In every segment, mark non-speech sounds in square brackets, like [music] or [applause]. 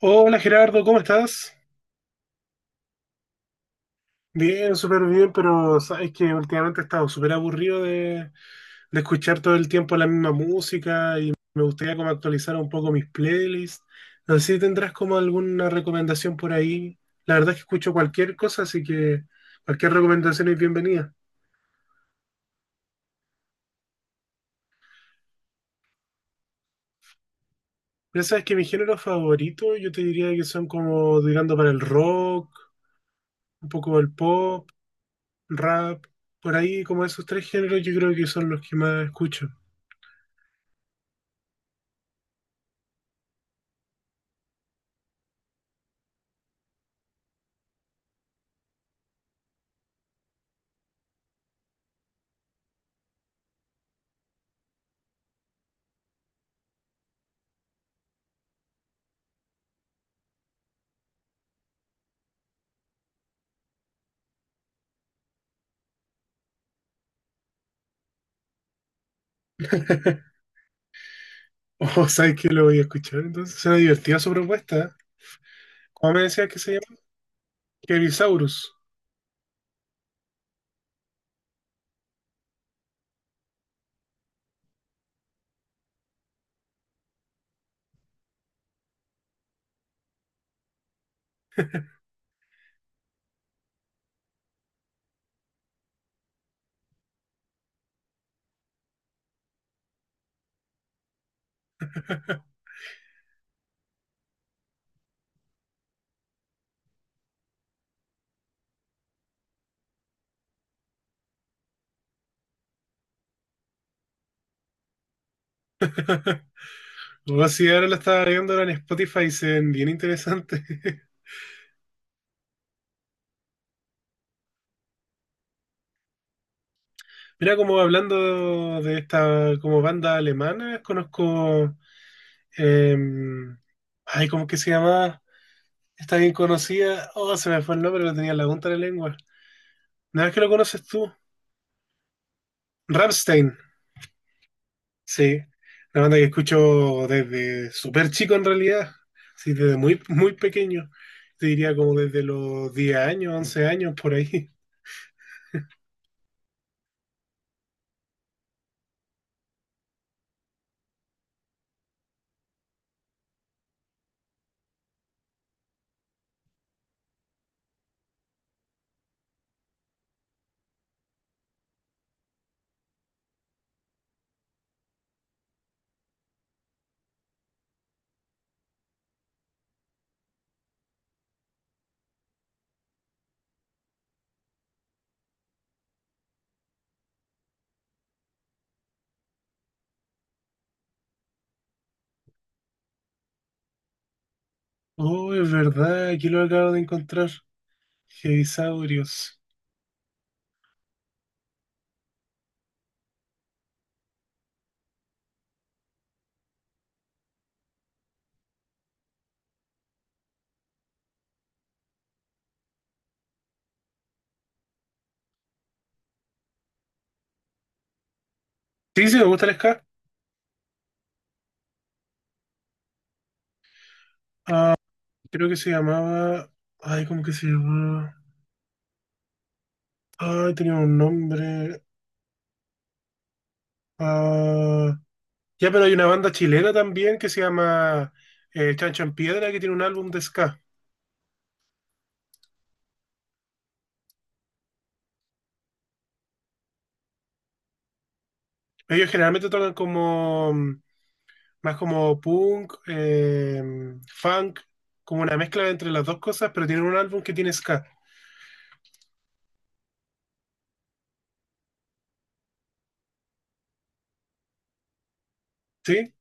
Hola Gerardo, ¿cómo estás? Bien, súper bien, pero sabes que últimamente he estado súper aburrido de escuchar todo el tiempo la misma música y me gustaría como actualizar un poco mis playlists. No sé si tendrás como alguna recomendación por ahí. La verdad es que escucho cualquier cosa, así que cualquier recomendación es bienvenida. Ya sabes que mi género favorito yo te diría que son como tirando para el rock, un poco el pop, rap, por ahí como esos tres géneros yo creo que son los que más escucho. Oh, ¿sabes que lo voy a escuchar? Entonces, suena divertida su propuesta, ¿eh? ¿Cómo me decías que se llama? Kevisaurus. [laughs] O si ahora la estaba viendo ahora en Spotify y se ven bien interesante. [laughs] Mira, como hablando de esta como banda alemana, conozco. eh, Ay, ¿cómo que se llama? Está bien conocida. Oh, se me fue el nombre, lo tenía en la punta de la lengua. Nada más que lo conoces tú. Rammstein. Sí, una banda que escucho desde súper chico en realidad, sí, desde muy, muy pequeño, te diría como desde los 10 años, 11 años por ahí. [laughs] Oh, es verdad, aquí lo acabo de encontrar, Heavisaurios. Sí, sí, me gusta el ska, creo que se llamaba, ay, ¿cómo que se llamaba? Ay, tenía un nombre, ah, ya, pero hay una banda chilena también que se llama Chancho en Piedra, que tiene un álbum de ska. Ellos generalmente tocan como más como punk, funk, como una mezcla entre las dos cosas, pero tienen un álbum que tiene ska, ¿sí?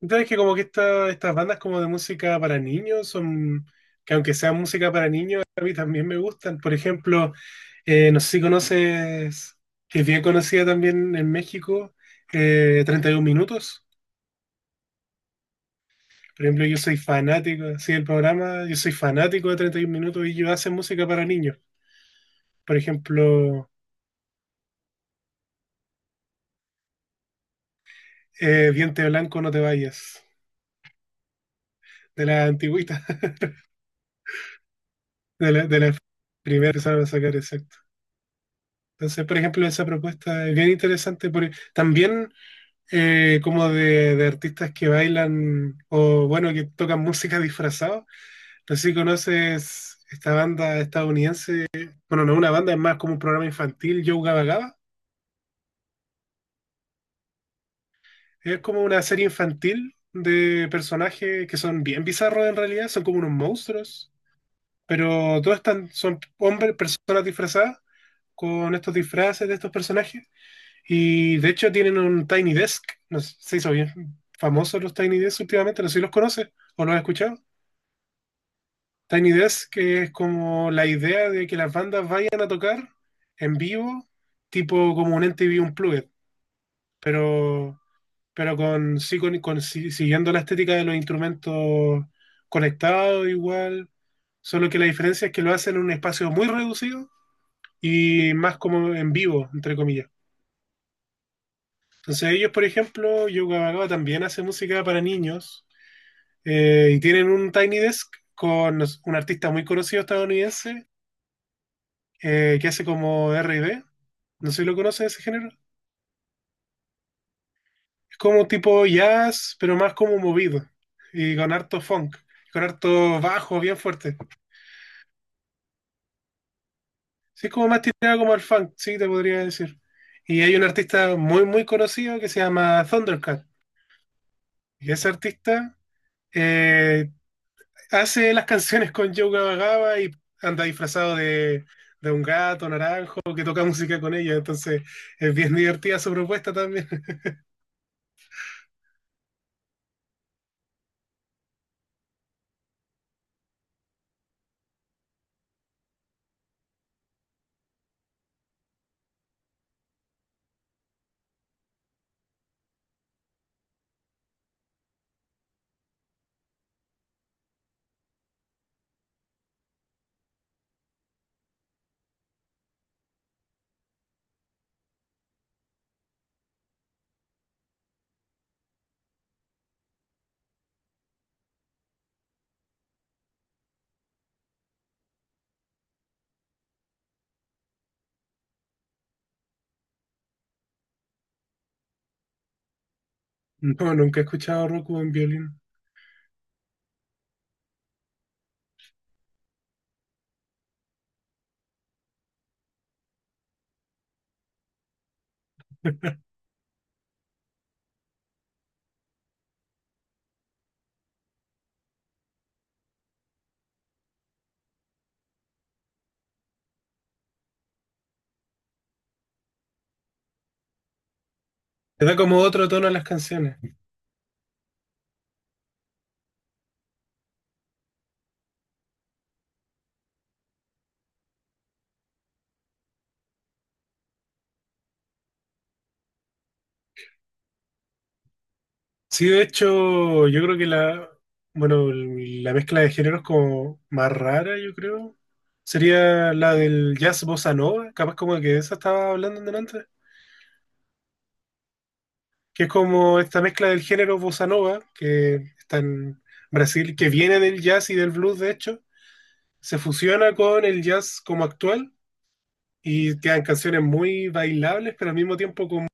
Entonces que como que estas bandas como de música para niños son, que aunque sea música para niños, a mí también me gustan. Por ejemplo, no sé si conoces, que es bien conocida también en México, 31 Minutos. Por ejemplo, yo soy fanático, así del programa, yo soy fanático de 31 Minutos y ellos hacen música para niños. Por ejemplo, Diente Blanco, no te vayas. De la antigüita, [laughs] de la primera que empezaron a sacar, exacto. Entonces, por ejemplo, esa propuesta es bien interesante, porque también como de artistas que bailan o, bueno, que tocan música disfrazado. No sé si conoces esta banda estadounidense, bueno, no es una banda, es más como un programa infantil, Joe Gabba Gabba. Es como una serie infantil de personajes que son bien bizarros en realidad, son como unos monstruos, pero todos están, son hombres, personas disfrazadas con estos disfraces de estos personajes. Y de hecho tienen un Tiny Desk. No sé, se hizo bien famosos los Tiny Desk últimamente, no sé si los conoces o los has escuchado. Tiny Desk, que es como la idea de que las bandas vayan a tocar en vivo, tipo como un NTV Unplugged, pero, pero con- sí- siguiendo la estética de los instrumentos conectados igual, solo que la diferencia es que lo hacen en un espacio muy reducido y más como en vivo, entre comillas. Entonces ellos, por ejemplo, Yoga Bagaba también hace música para niños y tienen un Tiny Desk con un artista muy conocido estadounidense que hace como R&B. No sé si lo conocen ese género. Es como tipo jazz, pero más como movido y con harto funk, con harto bajo bien fuerte. Sí, es como más tirado como al funk, sí, te podría decir. Y hay un artista muy, muy conocido que se llama Thundercat. Y ese artista eh, hace las canciones con Joe Gaba y anda disfrazado de un gato naranjo que toca música con ella. Entonces es bien divertida su propuesta también. [laughs] No, nunca he escuchado a Rocco en violín. Le da como otro tono a las canciones. Sí, de hecho, yo creo que la, bueno, la mezcla de géneros como más rara, yo creo, sería la del jazz bossa nova. Capaz como que de esa estaba hablando en delante. Que es como esta mezcla del género bossa nova, que está en Brasil, que viene del jazz y del blues, de hecho, se fusiona con el jazz como actual y quedan canciones muy bailables, pero al mismo tiempo como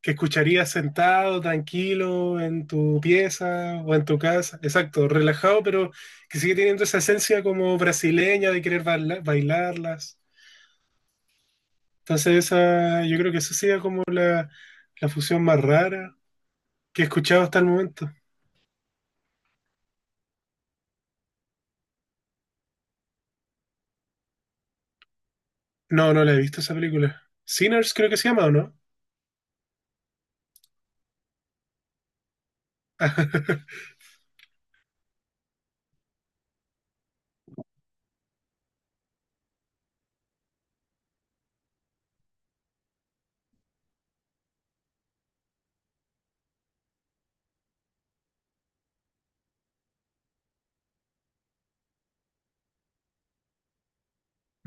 que escucharías sentado, tranquilo, en tu pieza o en tu casa, exacto, relajado, pero que sigue teniendo esa esencia como brasileña de querer bailarlas. Entonces esa, yo creo que esa sería como la, fusión más rara que he escuchado hasta el momento. No, no la he visto esa película. Sinners creo que se llama, ¿o no? [laughs]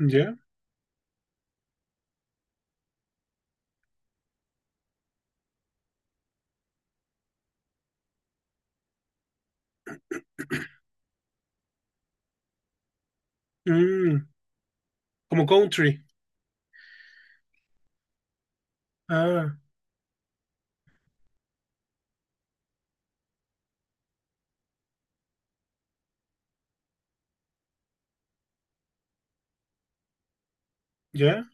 ¿Ya? Mm, Como country. Ah, ¿ya?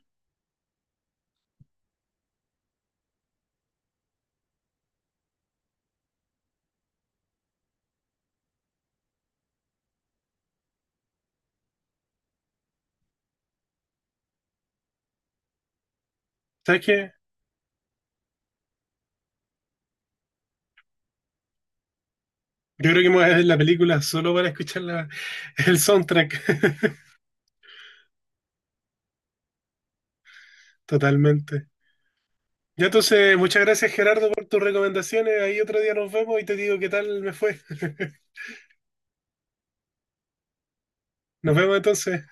¿Sabes qué? Yo creo que me voy a ver la película solo para escuchar el soundtrack. [laughs] Totalmente. Ya entonces, muchas gracias Gerardo por tus recomendaciones. Ahí otro día nos vemos y te digo qué tal me fue. [laughs] Nos vemos entonces.